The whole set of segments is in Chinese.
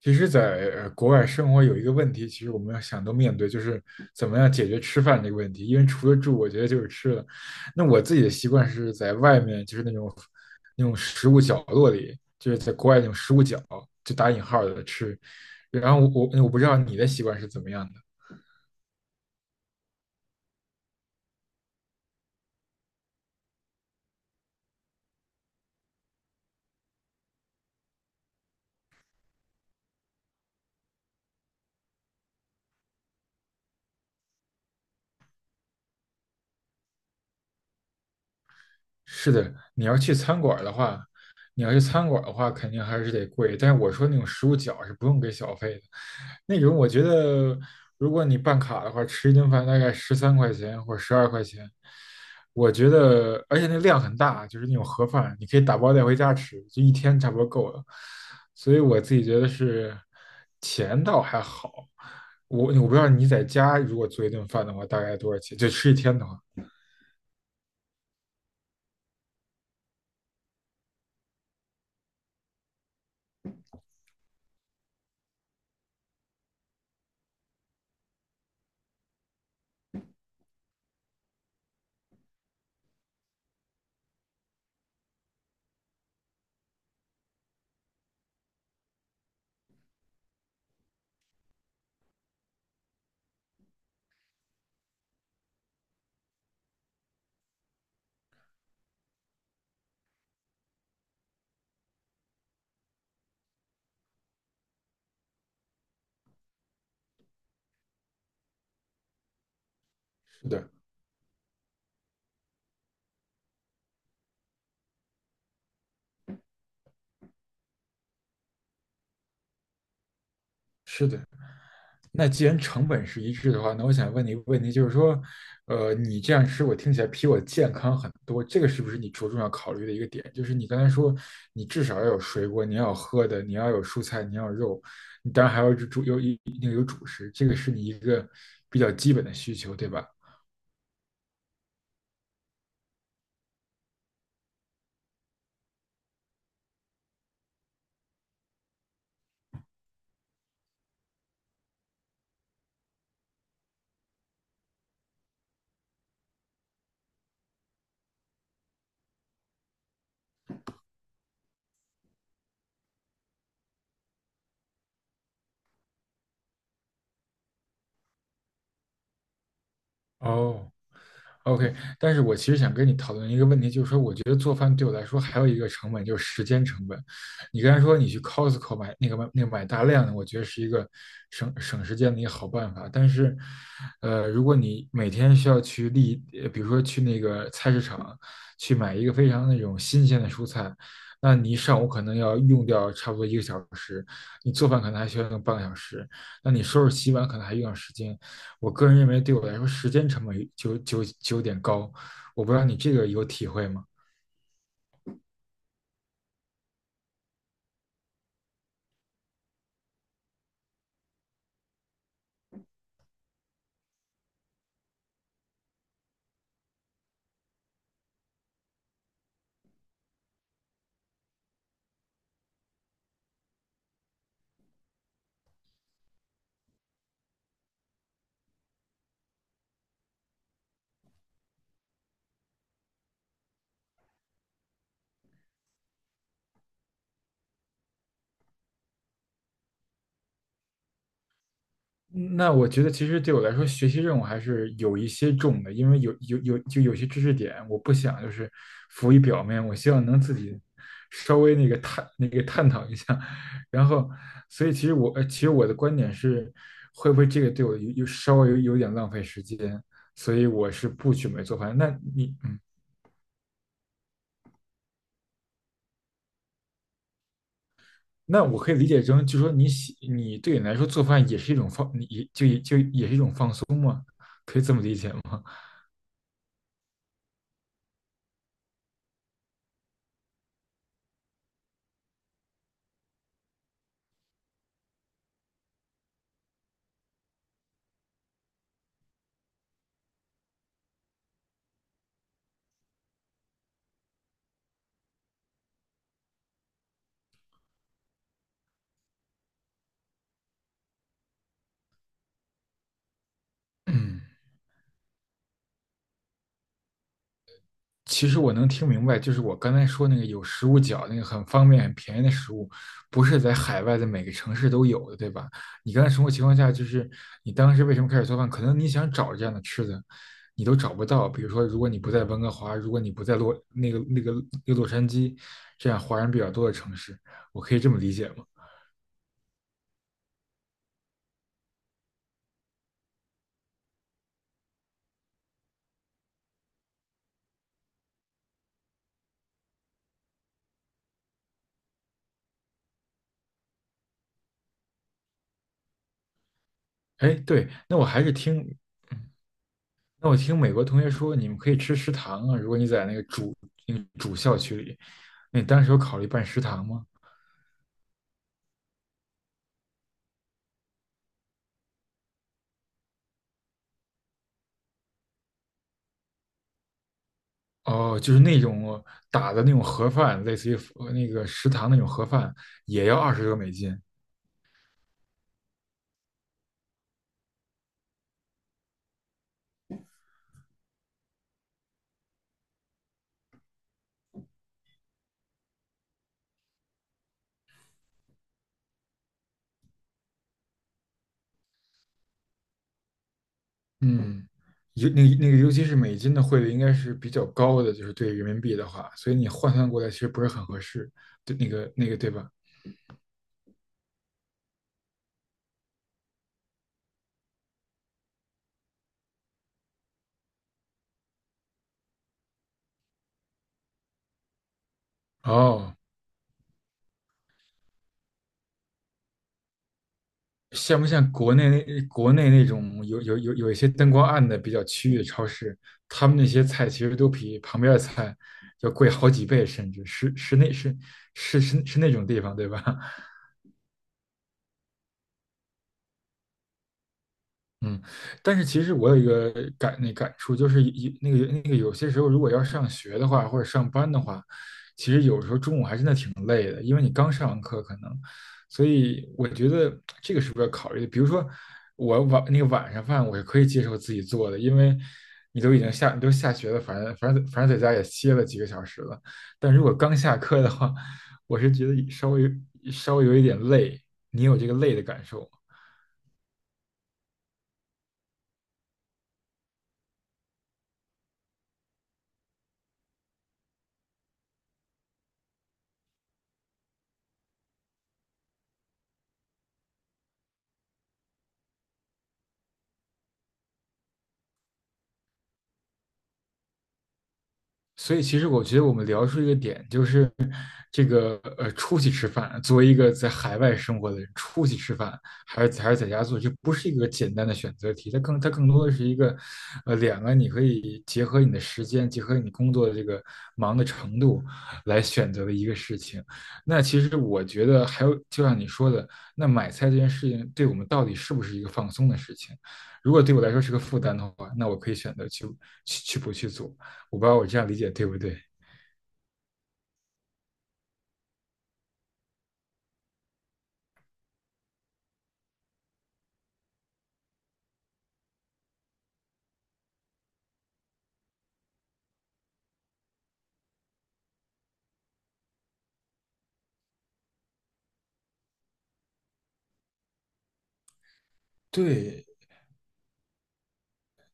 其实在，国外生活有一个问题，其实我们要想都面对，就是怎么样解决吃饭这个问题。因为除了住，我觉得就是吃了。那我自己的习惯是在外面，就是那种食物角落里，就是在国外那种食物角，就打引号的吃。然后我不知道你的习惯是怎么样的。是的，你要去餐馆儿的话，肯定还是得贵。但是我说那种食物角是不用给小费的，那种我觉得，如果你办卡的话，吃一顿饭大概13块钱或者12块钱，我觉得，而且那量很大，就是那种盒饭，你可以打包带回家吃，就一天差不多够了。所以我自己觉得是钱倒还好，我不知道你在家如果做一顿饭的话，大概多少钱？就吃一天的话，是的，是的。那既然成本是一致的话，那我想问你一个问题，就是说，你这样吃，我听起来比我健康很多，这个是不是你着重要考虑的一个点？就是你刚才说，你至少要有水果，你要有喝的，你要有蔬菜，你要有肉，你当然还要有主食，这个是你一个比较基本的需求，对吧？哦，OK，但是我其实想跟你讨论一个问题，就是说，我觉得做饭对我来说还有一个成本，就是时间成本。你刚才说你去 Costco 买那个买那个买大量的，我觉得是一个省时间的一个好办法。但是，如果你每天需要比如说去那个菜市场去买一个非常那种新鲜的蔬菜，那你一上午可能要用掉差不多一个小时，你做饭可能还需要用半个小时，那你收拾洗碗可能还用上时间。我个人认为对我来说时间成本就有点高，我不知道你这个有体会吗？嗯，那我觉得其实对我来说，学习任务还是有一些重的，因为有些知识点，我不想就是浮于表面，我希望能自己稍微那个探那个探讨一下，然后，所以其实我的观点是，会不会这个对我稍微有点浪费时间，所以我是不准备做饭。那你嗯。那我可以理解成，就说你对你来说做饭也是一种放，你也就也是一种放松嘛，可以这么理解吗？嗯，其实我能听明白，就是我刚才说那个有食物角那个很方便、很便宜的食物，不是在海外的每个城市都有的，对吧？你刚才生活情况下，就是你当时为什么开始做饭？可能你想找这样的吃的，你都找不到。比如说，如果你不在温哥华，如果你不在洛那个那个那个洛杉矶这样华人比较多的城市，我可以这么理解吗？哎，对，那我还是听，嗯。那我听美国同学说，你们可以吃食堂啊。如果你在那个主校区里，那你当时有考虑办食堂吗？哦，就是那种打的那种盒饭，类似于那个食堂那种盒饭，也要20多美金。嗯。尤那个那个，尤其是美金的汇率应该是比较高的，就是对人民币的话，所以你换算过来其实不是很合适，对对吧？哦，像不像国内那种有一些灯光暗的比较区域的超市，他们那些菜其实都比旁边的菜要贵好几倍，甚至是是那是是是是那种地方，对吧？嗯，但是其实我有一个感触，就是一那个那个有些时候，如果要上学的话，或者上班的话，其实有时候中午还真的挺累的，因为你刚上完课可能，所以我觉得这个是不是要考虑的。比如说我晚那个晚上饭我是可以接受自己做的，因为你都下学了，反正在家也歇了几个小时了，但如果刚下课的话，我是觉得稍微有一点累，你有这个累的感受吗？所以，其实我觉得我们聊出一个点，就是这个出去吃饭，作为一个在海外生活的人，出去吃饭还是在家做，这不是一个简单的选择题，它更多的是一个，两个你可以结合你的时间，结合你工作的这个忙的程度来选择的一个事情。那其实我觉得还有，就像你说的，那买菜这件事情对我们到底是不是一个放松的事情？如果对我来说是个负担的话，那我可以选择去去去不去做。我不知道我这样理解对不对？对，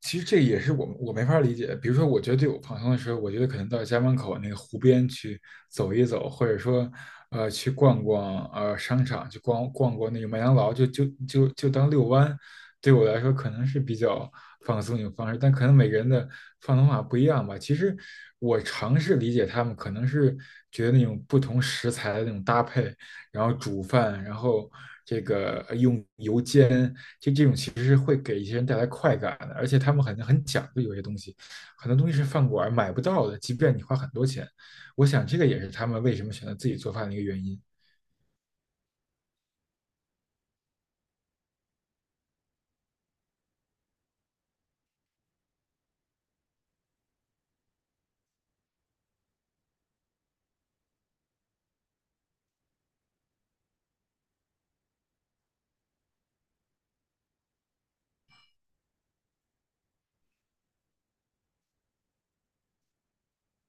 其实这个也是我没法理解。比如说，我觉得对我放松的时候，我觉得可能到家门口那个湖边去走一走，或者说，去逛逛商场，去逛逛那个麦当劳，就当遛弯，对我来说可能是比较放松一种方式。但可能每个人的放松法不一样吧。其实我尝试理解他们，可能是觉得那种不同食材的那种搭配，然后煮饭，然后这个用油煎，就这种其实是会给一些人带来快感的，而且他们很讲究，有些东西，很多东西是饭馆买不到的，即便你花很多钱。我想这个也是他们为什么选择自己做饭的一个原因。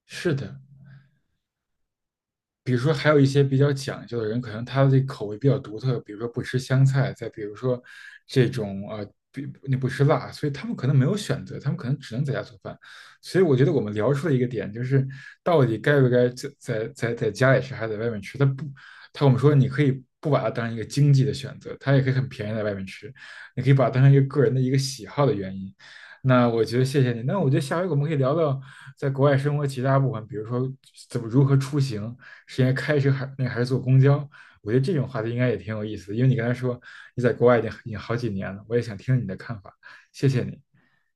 是的，比如说，还有一些比较讲究的人，可能他的口味比较独特，比如说不吃香菜，再比如说这种呃，比你不吃辣，所以他们可能没有选择，他们可能只能在家做饭。所以我觉得我们聊出了一个点，就是到底该不该在家里吃，还是在外面吃？他不，他我们说你可以不把它当成一个经济的选择，它也可以很便宜在外面吃，你可以把它当成一个个人的一个喜好的原因。那我觉得谢谢你，那我觉得下回我们可以聊聊在国外生活其他部分，比如说怎么如何出行，是应该开车还是坐公交？我觉得这种话题应该也挺有意思的，因为你刚才说你在国外已经好几年了，我也想听听你的看法，谢谢你。